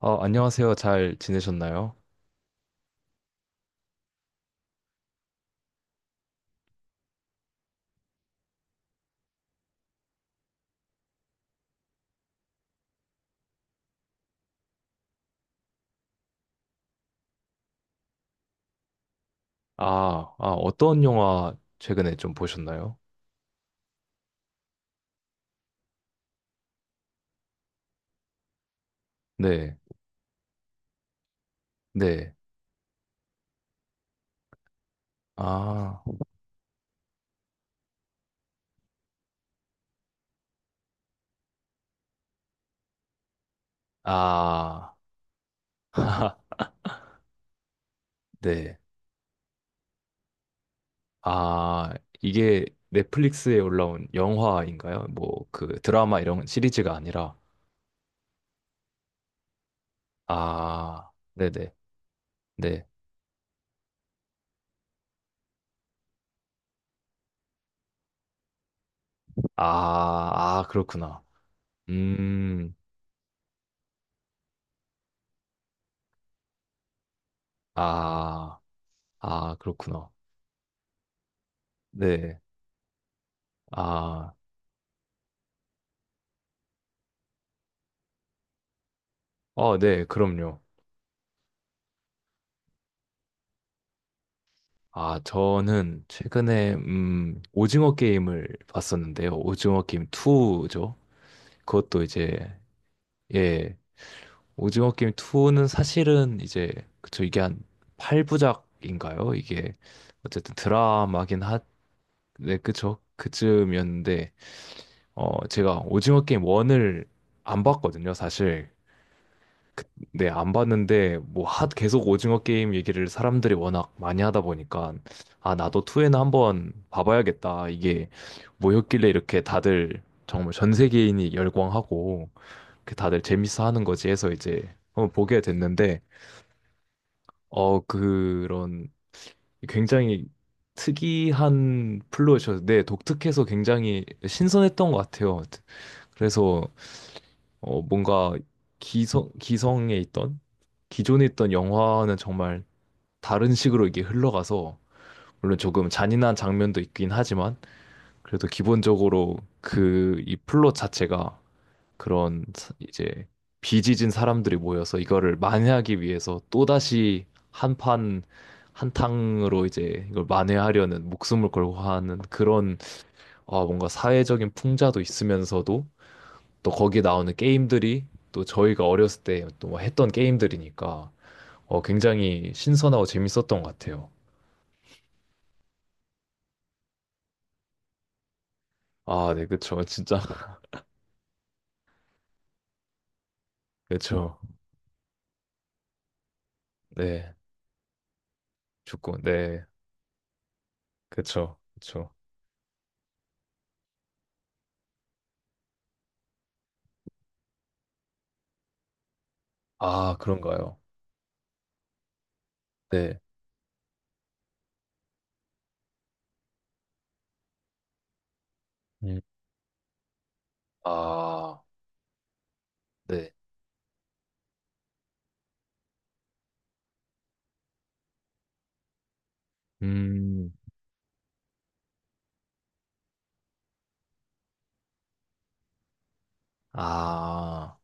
아, 안녕하세요. 잘 지내셨나요? 아, 아, 어떤 영화 최근에 좀 보셨나요? 네, 네. 아, 아, 네. 아, 이게 넷플릭스에 올라온 영화인가요? 뭐, 그 드라마 이런 시리즈가 아니라. 아, 네네, 네. 아, 아, 그렇구나. 음, 아, 아, 그렇구나. 네. 아, 어, 네, 그럼요. 아, 저는 최근에 오징어 게임을 봤었는데요. 오징어 게임 2죠. 그것도 이제 예, 오징어 게임 2는 사실은 이제. 그쵸, 이게 한 8부작인가요? 이게 어쨌든 드라마긴 하. 네, 그쵸. 그쯤이었는데 어 제가 오징어 게임 1을 안 봤거든요, 사실. 네, 안 봤는데 뭐 하, 계속 오징어 게임 얘기를 사람들이 워낙 많이 하다 보니까, 아, 나도 2에는 한번 봐봐야겠다. 이게 뭐였길래 이렇게 다들 정말 전 세계인이 열광하고 그렇게 다들 재밌어 하는 거지 해서 이제 한번 보게 됐는데, 어, 그런 굉장히 특이한 플롯이어서, 네, 독특해서 굉장히 신선했던 것 같아요. 그래서 뭔가 기성 기성에 있던 기존에 있던 영화는 정말 다른 식으로 이게 흘러가서, 물론 조금 잔인한 장면도 있긴 하지만 그래도 기본적으로 그 이 플롯 자체가 그런 이제 비지진 사람들이 모여서 이거를 만회하기 위해서 또다시 한판 한탕으로 이제 이걸 만회하려는, 목숨을 걸고 하는 그런, 아 뭔가 사회적인 풍자도 있으면서도 또 거기에 나오는 게임들이 또 저희가 어렸을 때또 뭐 했던 게임들이니까 어 굉장히 신선하고 재밌었던 것 같아요. 아, 네, 그쵸. 진짜. 그쵸. 네. 축구. 네. 그쵸. 그쵸. 아, 그런가요? 네. 음. 아, 네. 음, 아,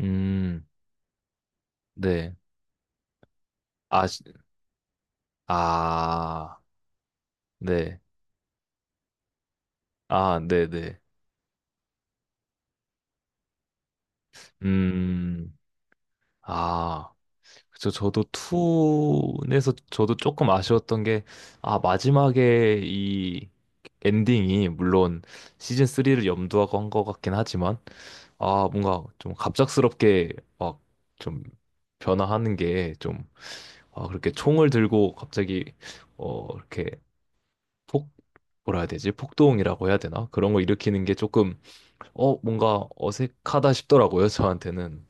음, 네. 아, 아, 네. 아, 네네. 음, 아. 그쵸. 저도 투에서 저도 조금 아쉬웠던 게, 아, 마지막에 이 엔딩이, 물론 시즌 3를 염두하고 한 것 같긴 하지만, 아, 뭔가 좀 갑작스럽게 막 좀 변화하는 게 좀, 아, 그렇게 총을 들고 갑자기, 이렇게 폭, 뭐라 해야 되지? 폭동이라고 해야 되나? 그런 거 일으키는 게 조금, 어, 뭔가 어색하다 싶더라고요, 저한테는.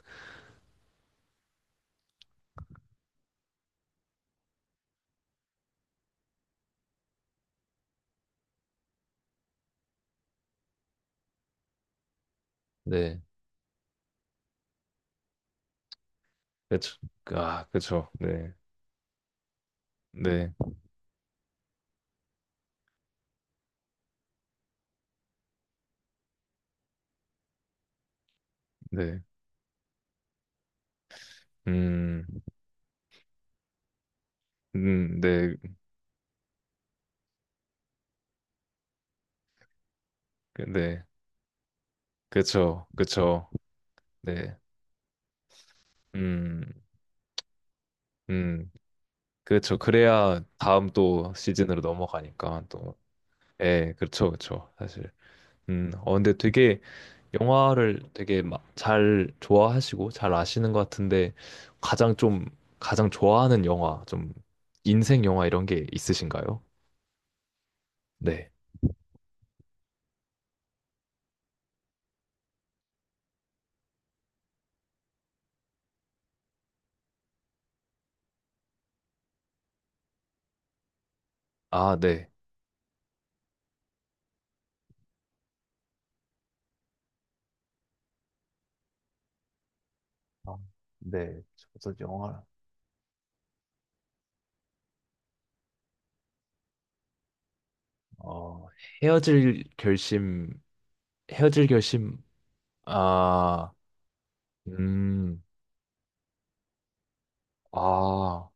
네. 그쵸. 아, 그쵸. 네. 네. 네. 음, 네. 네. 그쵸. 그쵸. 네. 음, 음. 그쵸. 그래야 다음 또 시즌으로 넘어가니까 또. 예, 그렇죠, 그렇죠. 사실. 근데 되게 영화를 되게 막 잘 좋아하시고 잘 아시는 것 같은데, 가장 좀 가장 좋아하는 영화, 좀 인생 영화 이런 게 있으신가요? 네. 아, 네. 아, 네, 저도 영화, 어, 헤어질 결심, 헤어질 결심, 아, 음, 아,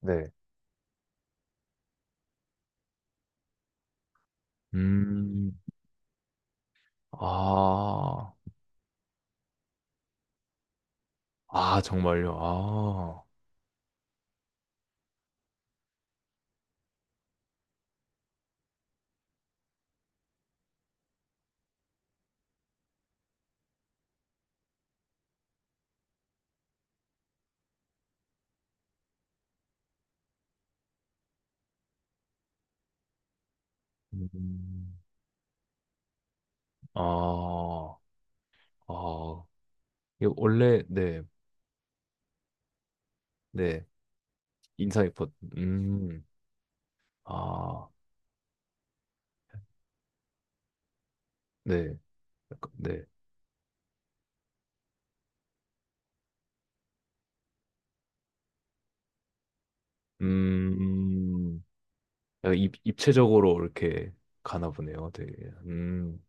네, 음, 아, 아, 정말요, 아. 음, 아, 아, 이거 원래, 네, 네, 인사 깊었, 음, 아, 네, 약간, 네, 음, 약간 입체적으로 이렇게 가나 보네요, 되게, 음,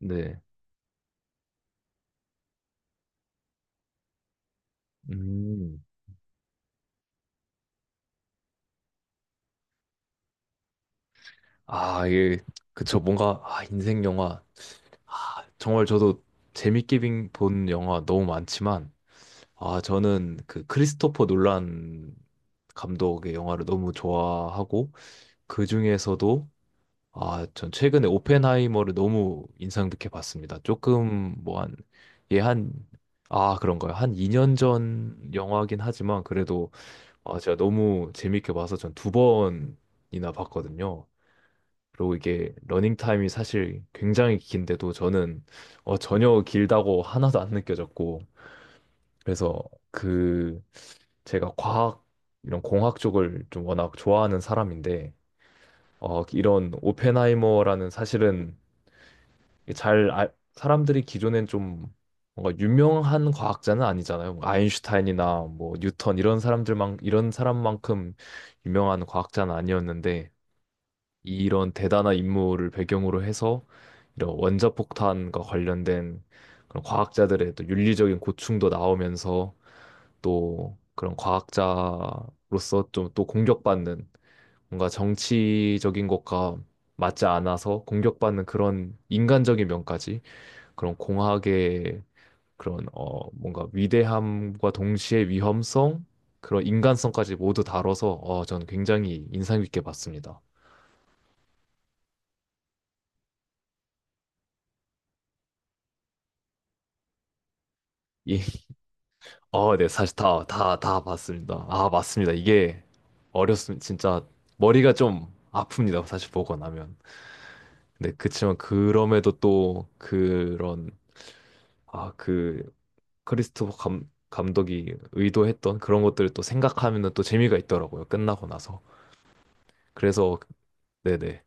네, 음, 아, 이게, 그쵸, 뭔가, 아, 인생 영화, 아, 정말 저도 재밌게 본 영화 너무 많지만, 아, 저는 그 크리스토퍼 놀란 감독의 영화를 너무 좋아하고, 그 중에서도, 아, 전 최근에 오펜하이머를 너무 인상 깊게 봤습니다. 조금 뭐 한, 예, 한, 아, 그런가요? 한 2년 전 영화긴 하지만 그래도 아, 제가 너무 재밌게 봐서 전 두 번이나 봤거든요. 그리고 이게 러닝 타임이 사실 굉장히 긴데도 저는 전혀 길다고 하나도 안 느껴졌고, 그래서 그 제가 과학 이런 공학 쪽을 좀 워낙 좋아하는 사람인데, 이런 오펜하이머라는 사실은, 이게 사람들이 기존엔 좀 뭔가 유명한 과학자는 아니잖아요. 뭐 아인슈타인이나 뭐 뉴턴 이런 사람들만 이런 사람만큼 유명한 과학자는 아니었는데, 이런 대단한 인물을 배경으로 해서 이런 원자폭탄과 관련된 그런 과학자들의 또 윤리적인 고충도 나오면서, 또 그런 과학자로서 좀 또 공격받는, 뭔가 정치적인 것과 맞지 않아서 공격받는 그런 인간적인 면까지, 그런 공학의 그런 뭔가 위대함과 동시에 위험성, 그런 인간성까지 모두 다뤄서 전 굉장히 인상 깊게 봤습니다. 이 어, 네, 사실 다 봤습니다. 아, 맞습니다. 이게 어렸으면 진짜 머리가 좀 아픕니다. 사실 보고 나면. 근데 그치만 그럼에도 또 그런, 아, 그 크리스토퍼 감독이 의도했던 그런 것들을 또 생각하면은 또 재미가 있더라고요. 끝나고 나서. 그래서, 네네.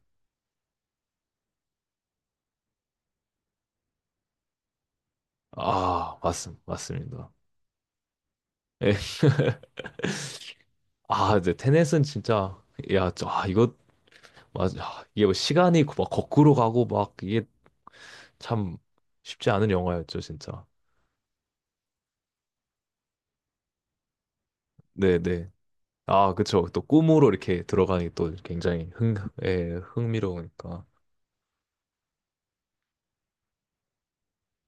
아, 맞습니다. 예. 아, 이제 테넷은 진짜, 야, 저, 아, 이거, 맞아. 아, 이게 뭐 시간이 막 거꾸로 가고 막 이게 참 쉽지 않은 영화였죠, 진짜. 네, 네. 아, 그쵸. 또 꿈으로 이렇게 들어가니 또 굉장히 예, 흥미로우니까.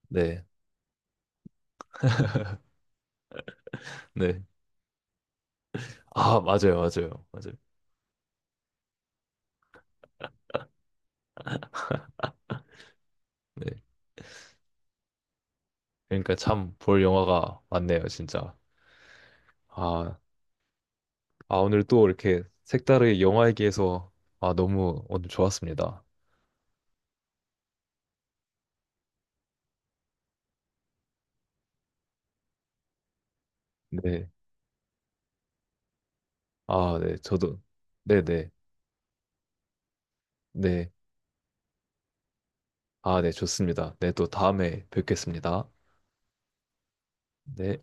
네, 네. 아, 맞아요, 맞아요, 맞아요. 네. 그러니까 참 볼 영화가 많네요, 진짜. 아, 아, 오늘 또 이렇게 색다르게 영화 얘기해서, 아, 너무 오늘 좋았습니다. 네. 아, 네, 저도. 네네. 네. 아, 네, 좋습니다. 네, 또 다음에 뵙겠습니다. 네.